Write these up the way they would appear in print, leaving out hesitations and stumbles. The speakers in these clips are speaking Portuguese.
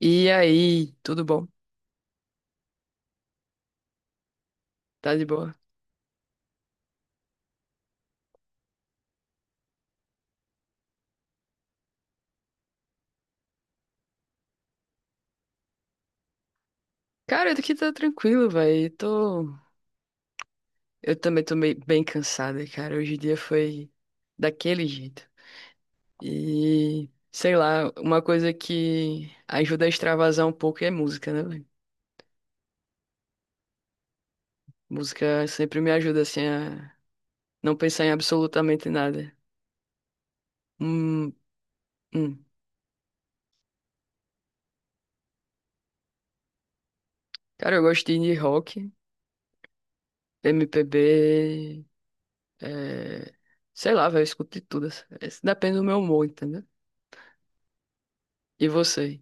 E aí, tudo bom? Tá de boa? Cara, eu aqui tá tranquilo, velho. Tô... Eu também tô meio, bem cansada, cara. Hoje o dia foi daquele jeito. E, sei lá, uma coisa que ajuda a extravasar um pouco é música, né, velho? Música sempre me ajuda, assim, a não pensar em absolutamente nada. Hum, hum. Cara, eu gosto de indie rock, MPB, é... sei lá, velho, eu escuto de tudo. Assim. Depende do meu humor, entendeu? E você?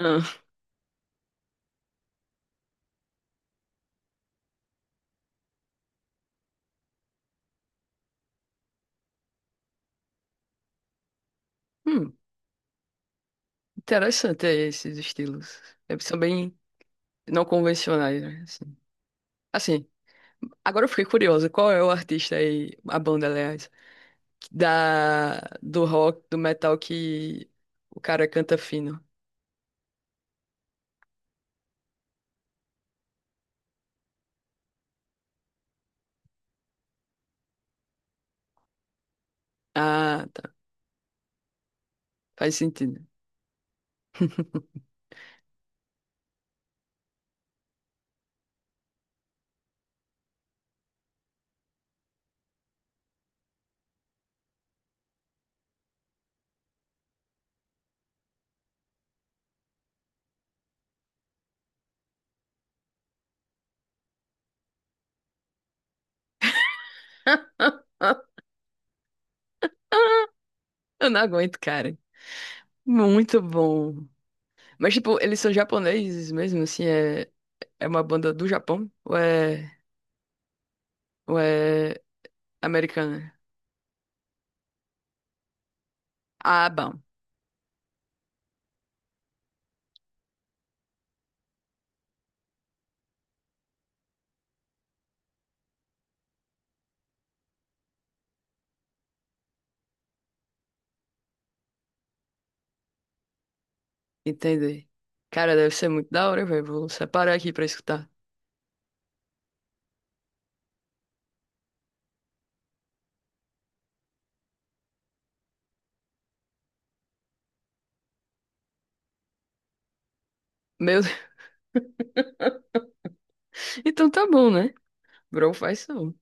Ah. Hum. Interessante esses estilos. É, são bem não convencionais, né? Assim. Assim, agora eu fiquei curiosa. Qual é o artista aí, a banda, aliás, do rock, do metal que o cara canta fino? Ah, tá. Faz sentido. Eu não aguento, cara. Muito bom. Mas, tipo, eles são japoneses mesmo, assim, é, é uma banda do Japão? Ou é americana? Ah, bom. Entendi. Cara, deve ser muito da hora, velho. Vou separar aqui pra escutar. Meu Deus. Então tá bom, né? Bro faz som.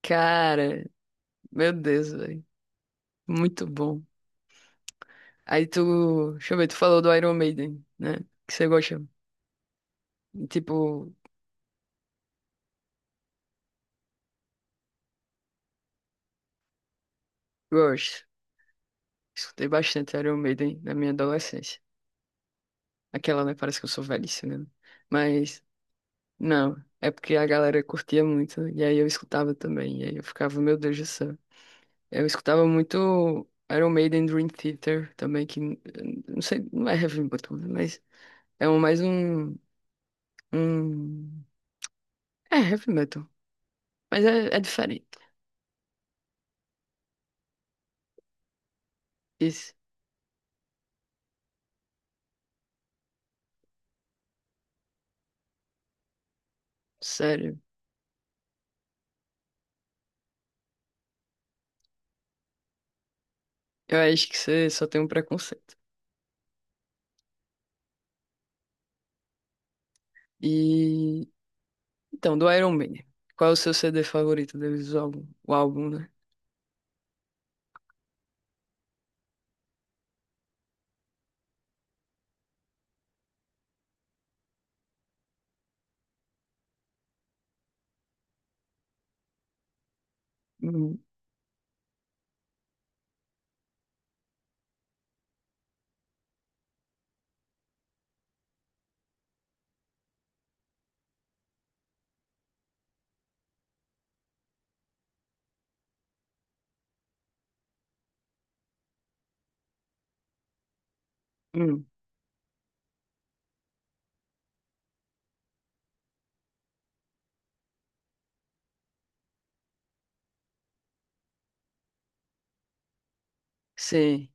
Cara, meu Deus, velho. Muito bom. Aí tu. Deixa eu ver, tu falou do Iron Maiden, né? Que você gosta. Tipo, Rush. Escutei bastante Iron Maiden na minha adolescência. Aquela, né? Parece que eu sou velhíssimo, né? Mas, não. É porque a galera curtia muito. Né? E aí eu escutava também. E aí eu ficava, meu Deus do céu. Eu escutava muito Iron Maiden, Dream Theater também, não sei, não é heavy metal, né, mas é um, mais um, um... é heavy metal, mas é diferente. Isso, sério. Eu acho que você só tem um preconceito. E... Então, do Iron Maiden, qual é o seu CD favorito deles? O álbum, né? Hum, hum. Sim.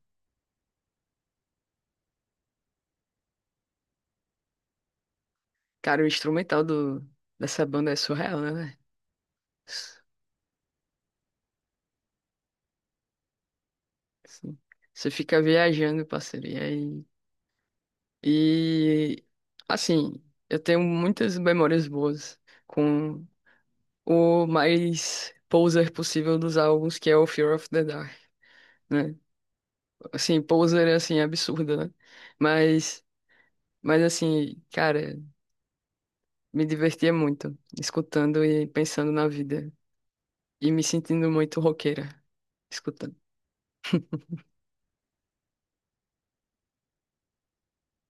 Cara, dessa banda é surreal, né, velho? Sim. Você fica viajando, parceiro, e aí... E assim, eu tenho muitas memórias boas com o mais poser possível dos álbuns, que é o Fear of the Dark, né? Assim, poser é assim absurdo, né? Mas mas assim, cara, me divertia muito escutando e pensando na vida e me sentindo muito roqueira escutando.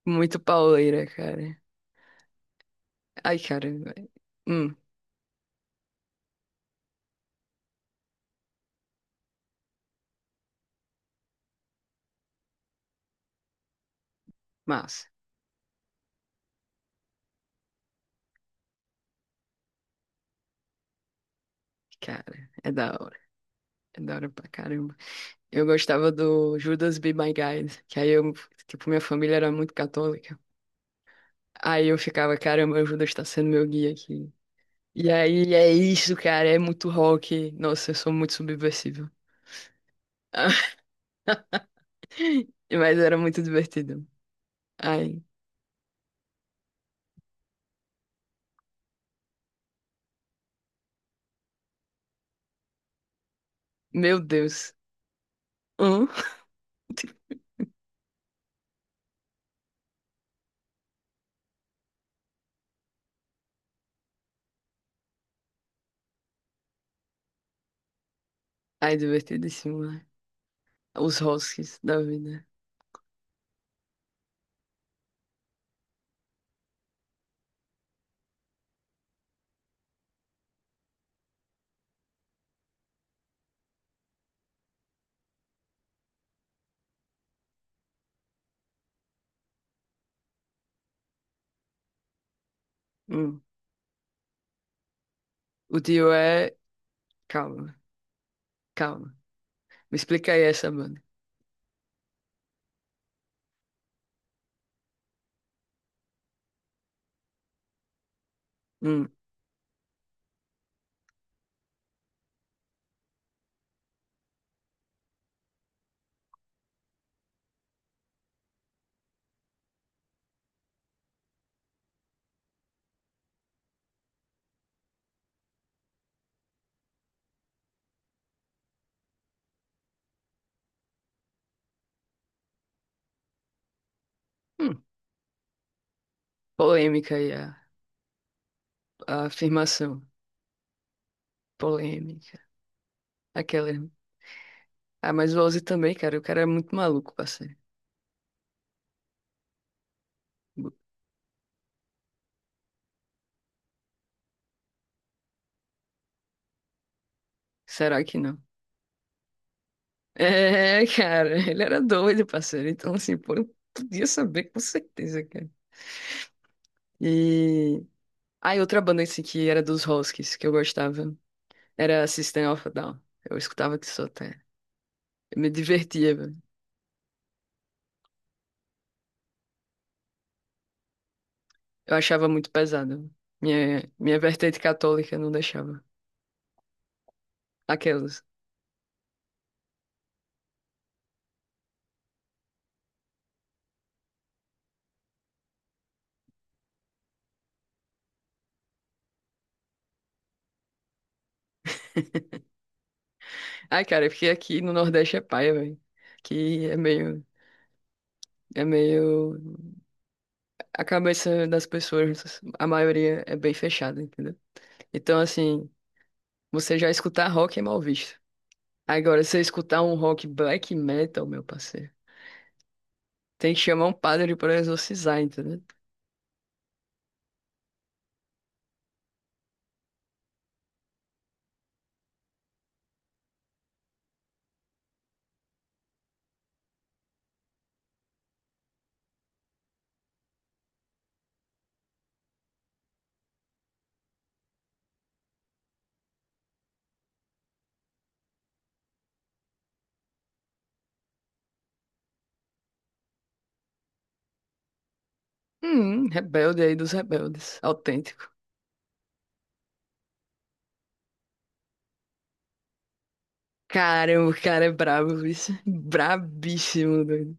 Muito pauleira, cara. Ai, cara, velho. Hum, massa. Cara, é da hora. É da hora pra caramba. Eu gostava do Judas Be My Guide, tipo, minha família era muito católica. Aí eu ficava, caramba, o Judas tá sendo meu guia aqui. E aí é isso, cara, é muito rock. Nossa, eu sou muito subversível. Mas era muito divertido. Ai, meu Deus. Hum? Ai, divertidíssimo, né? Os rosques da vida. Hum. O Dio é. Calma, calma. Me explica aí essa banda. Hum. Hum. Polêmica a afirmação. Polêmica. Aquela. Ah, mas o Ozzy também, cara. O cara é muito maluco, parceiro. Será que não? É, cara, ele era doido, parceiro. Então, assim, pô, eu podia saber com certeza, cara. E. Ah, e outra banda assim que era dos Huskies, que eu gostava, era System of a Down. Eu escutava que só até. Eu me divertia, velho. Eu achava muito pesado. Minha vertente católica não deixava. Aquelas. Ai, cara, porque aqui no Nordeste é paia, velho. Que é meio. É meio. A cabeça das pessoas, a maioria é bem fechada, entendeu? Então, assim, você já escutar rock é mal visto. Agora, se você escutar um rock black metal, meu parceiro, tem que chamar um padre pra exorcizar, entendeu? Rebelde aí dos rebeldes, autêntico. Caramba, o cara é brabo, isso. Brabíssimo, doido.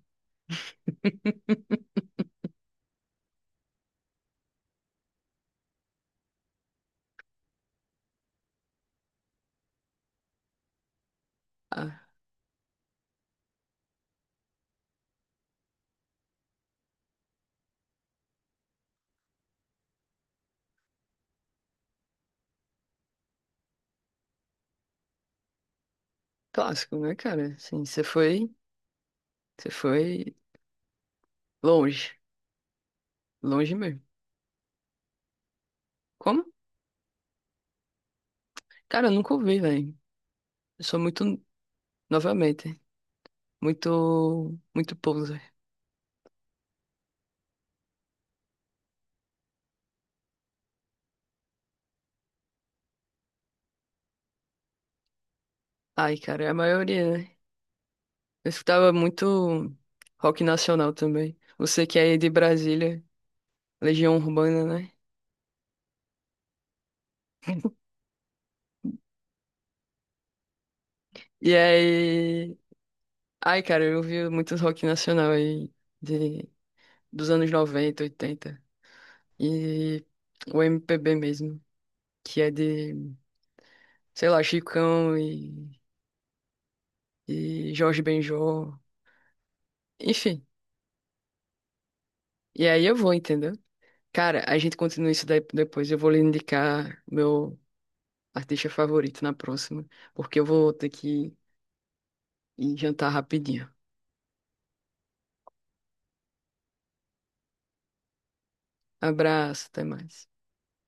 Ah, clássico, né, cara? Assim, você foi longe, longe mesmo. Como? Cara, eu nunca ouvi, velho. Eu sou muito, novamente. Muito poser. Ai, cara, é a maioria, né? Eu escutava muito rock nacional também. Você que é de Brasília, Legião Urbana, né? E aí, ai, cara, eu ouvi muito rock nacional aí de dos anos 90 80 e o MPB mesmo, que é de, sei lá, e Jorge Benjor, enfim. E aí eu vou, entendeu? Cara, a gente continua isso daí depois. Eu vou lhe indicar meu artista favorito na próxima, porque eu vou ter que ir jantar rapidinho. Abraço, até mais.